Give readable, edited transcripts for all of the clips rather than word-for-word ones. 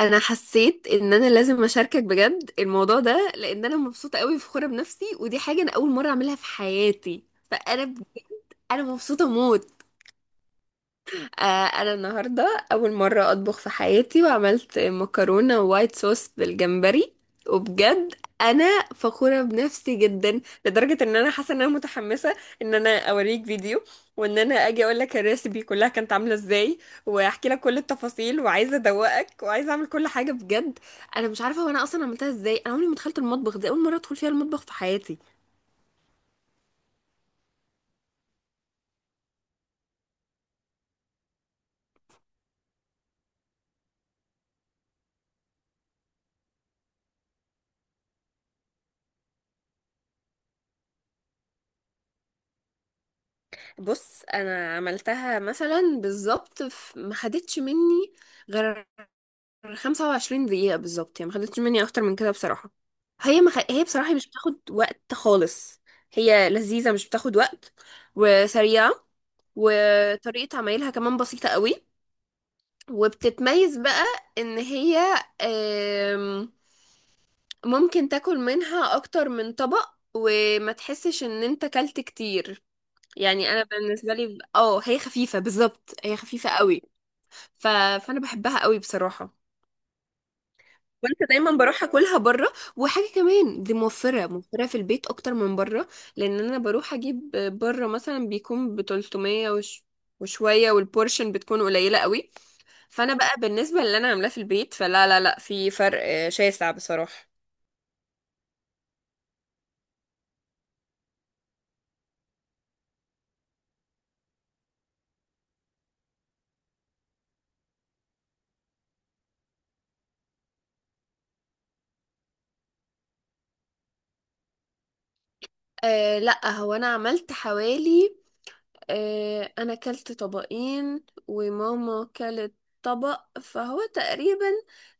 انا حسيت ان انا لازم اشاركك بجد الموضوع ده لان انا مبسوطه قوي فخوره بنفسي، ودي حاجه انا اول مره اعملها في حياتي. فانا بجد انا مبسوطه موت. انا النهارده اول مره اطبخ في حياتي، وعملت مكرونه وايت صوص بالجمبري، وبجد انا فخوره بنفسي جدا، لدرجه ان انا حاسه ان انا متحمسه ان انا اوريك فيديو، وان انا اجي اقول لك الريسبي كلها كانت عامله ازاي، واحكي لك كل التفاصيل، وعايزه ادوقك وعايزه اعمل كل حاجه بجد. انا مش عارفه وانا اصلا عملتها ازاي، انا عمري ما دخلت المطبخ، دي اول مره ادخل فيها المطبخ في حياتي. بص، انا عملتها مثلا بالظبط، ما خدتش مني غير 25 دقيقة بالظبط، يعني ما خدتش مني أكتر من كده بصراحة. هي بصراحة مش بتاخد وقت خالص، هي لذيذة، مش بتاخد وقت وسريعة، وطريقة عمايلها كمان بسيطة قوي. وبتتميز بقى إن هي آم، ممكن تاكل منها أكتر من طبق وما تحسش إن أنت كلت كتير. يعني أنا بالنسبة لي هي خفيفة بالظبط، هي خفيفة قوي. فأنا بحبها قوي بصراحة. كنت دايما بروح اكلها بره، وحاجه كمان دي موفره موفره في البيت اكتر من بره، لان انا بروح اجيب بره مثلا بيكون ب 300 وشويه، والبورشن بتكون قليله قوي. فانا بقى بالنسبه للي انا عاملاه في البيت، فلا لا لا في فرق شاسع بصراحه. أه لا، هو انا عملت حوالي، انا كلت طبقين وماما كلت طبق، فهو تقريبا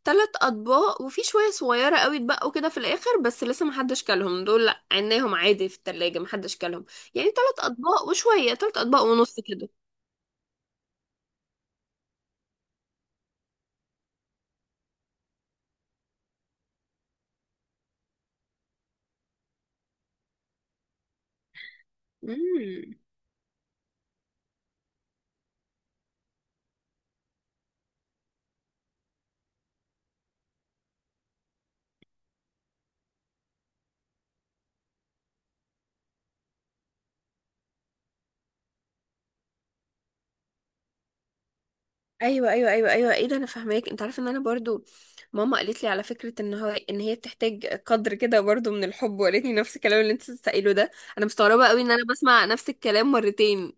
ثلاث اطباق وفي شويه صغيره قوي اتبقوا كده في الاخر، بس لسه محدش كلهم، دول لا عيناهم عادي في التلاجة محدش كلهم، يعني ثلاث اطباق وشويه، ثلاث اطباق ونص كده. امم. ايوه، ايوه، ايوه، ايوه، ايه ده، انا فاهماك، انت عارفه ان انا برضو ماما قالت لي على فكره ان هو ان هي بتحتاج قدر كده برضو من الحب، وقالت لي نفس الكلام اللي انت بتسأله ده، انا مستغربه قوي ان انا بسمع نفس الكلام مرتين.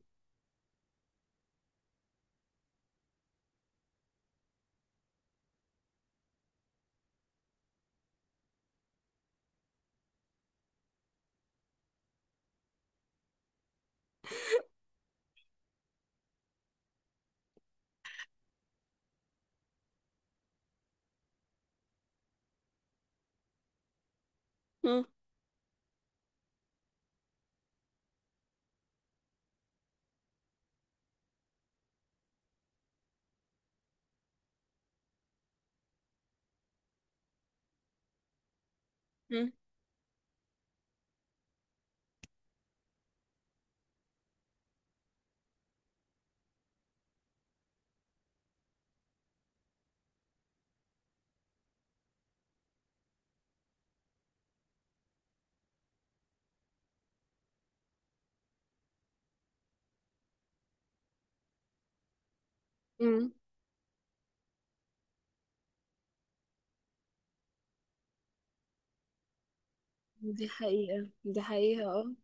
مم. مم. دي حقيقة، دي حقيقة، اه.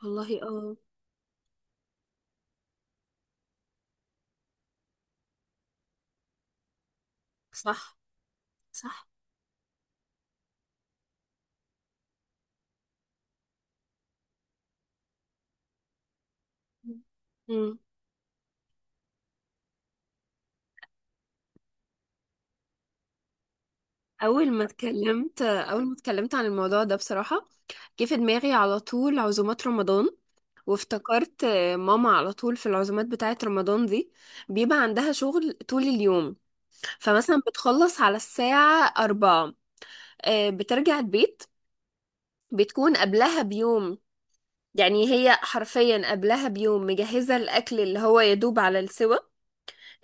والله اه. صح. صح. مم. أول ما اتكلمت عن الموضوع ده بصراحة، جه في دماغي على طول عزومات رمضان، وافتكرت ماما على طول في العزومات بتاعة رمضان دي بيبقى عندها شغل طول اليوم. فمثلا بتخلص على الساعة أربعة، بترجع البيت، بتكون قبلها بيوم، يعني هي حرفيا قبلها بيوم مجهزة الأكل اللي هو يدوب على السوا.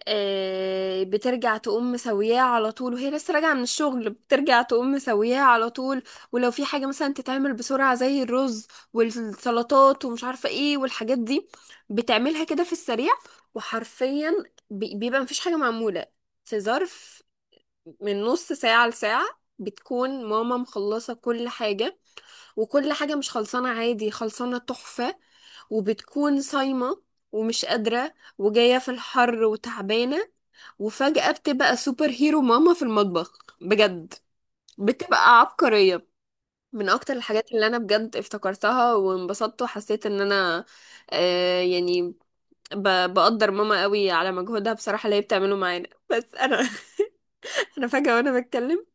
بترجع تقوم مسوياه على طول وهي لسه راجعة من الشغل، بترجع تقوم مسوياه على طول. ولو في حاجة مثلا تتعمل بسرعة زي الرز والسلطات ومش عارفة ايه والحاجات دي، بتعملها كده في السريع. وحرفيا بيبقى مفيش حاجة معمولة في ظرف من نص ساعة لساعة، بتكون ماما مخلصة كل حاجة، وكل حاجة مش خلصانة عادي، خلصانة تحفة. وبتكون صايمة ومش قادرة وجاية في الحر وتعبانة، وفجأة بتبقى سوبر هيرو ماما في المطبخ بجد، بتبقى عبقرية. من اكتر الحاجات اللي انا بجد افتكرتها وانبسطت وحسيت ان انا، يعني بقدر ماما قوي على مجهودها بصراحة اللي هي بتعمله معانا بس انا انا فجأة وانا بتكلم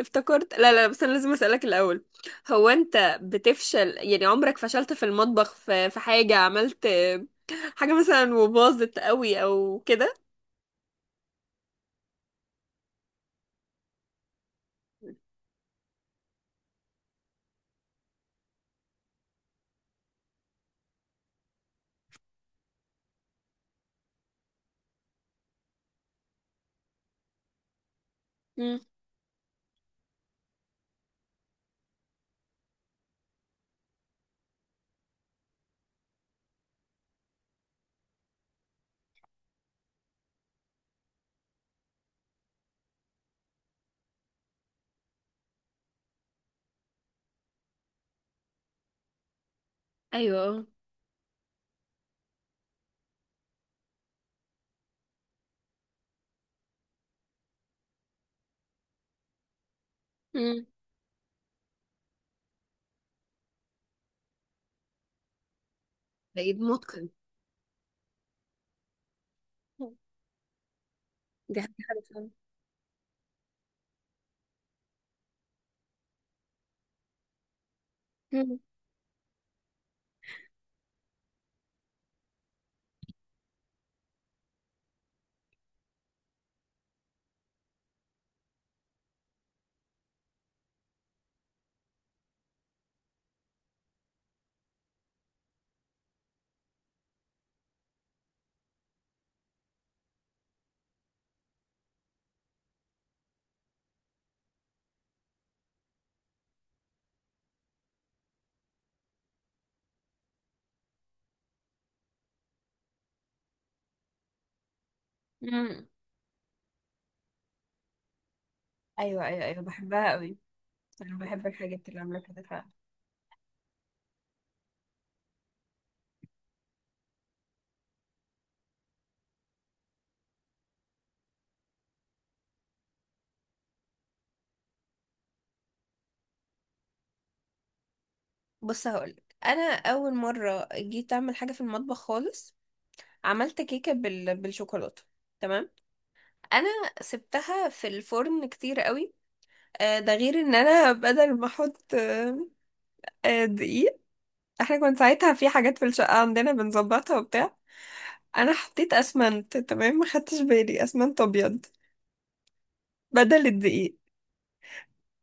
افتكرت، لا لا بس انا لازم اسالك الاول. هو انت بتفشل؟ يعني عمرك فشلت في المطبخ في حاجه، عملت حاجه مثلا وباظت قوي او كده؟ مم. ايوه. امم. ده عيد متقن. دي حاجه حلوة فعلا. مم. مم. ايوه، ايوه، ايوه، بحبها قوي، انا بحب الحاجات اللي عامله كده فعلا. بص هقولك، انا اول مره جيت اعمل حاجه في المطبخ خالص، عملت كيكه بالشوكولاته، تمام. انا سبتها في الفرن كتير قوي، ده غير ان انا بدل ما احط دقيق. احنا كنا ساعتها في حاجات في الشقه عندنا بنظبطها وبتاع، انا حطيت اسمنت، تمام، ما خدتش بالي اسمنت ابيض بدل الدقيق.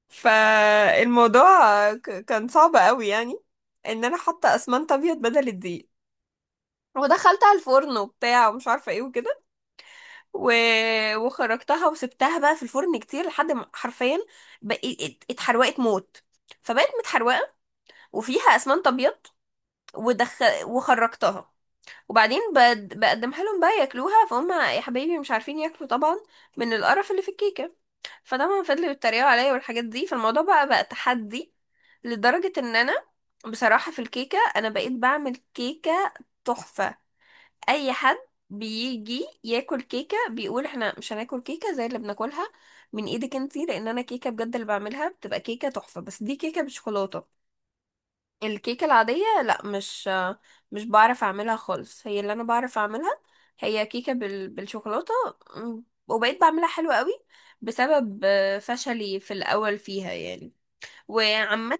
فالموضوع كان صعب قوي يعني، ان انا حاطه اسمنت ابيض بدل الدقيق، ودخلتها الفرن وبتاع ومش عارفه ايه وكده، و... وخرجتها، وسبتها بقى في الفرن كتير لحد ما حرفيا بقيت اتحروقت موت، فبقت متحروقه وفيها اسمنت ابيض، ودخ... وخرجتها، وبعدين بقدمها لهم بقى ياكلوها، فهم يا حبايبي مش عارفين ياكلوا طبعا من القرف اللي في الكيكه. فطبعا فضلوا يتريقوا عليا والحاجات دي، فالموضوع بقى تحدي، لدرجه ان انا بصراحه في الكيكه انا بقيت بعمل كيكه تحفه. اي حد بيجي ياكل كيكه بيقول احنا مش هناكل كيكه زي اللي بناكلها من ايدك انتي، لان انا كيكه بجد اللي بعملها بتبقى كيكه تحفه، بس دي كيكه بالشوكولاته. الكيكه العاديه لا، مش بعرف اعملها خالص، هي اللي انا بعرف اعملها هي كيكه بالشوكولاته. وبقيت بعملها حلو قوي بسبب فشلي في الاول فيها يعني. وعامه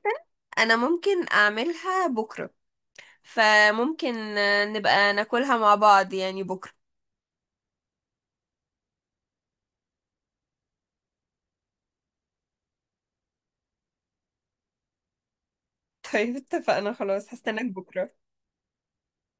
انا ممكن اعملها بكره، فممكن نبقى ناكلها مع بعض يعني بكره. طيب اتفقنا خلاص، هستناك بكرة.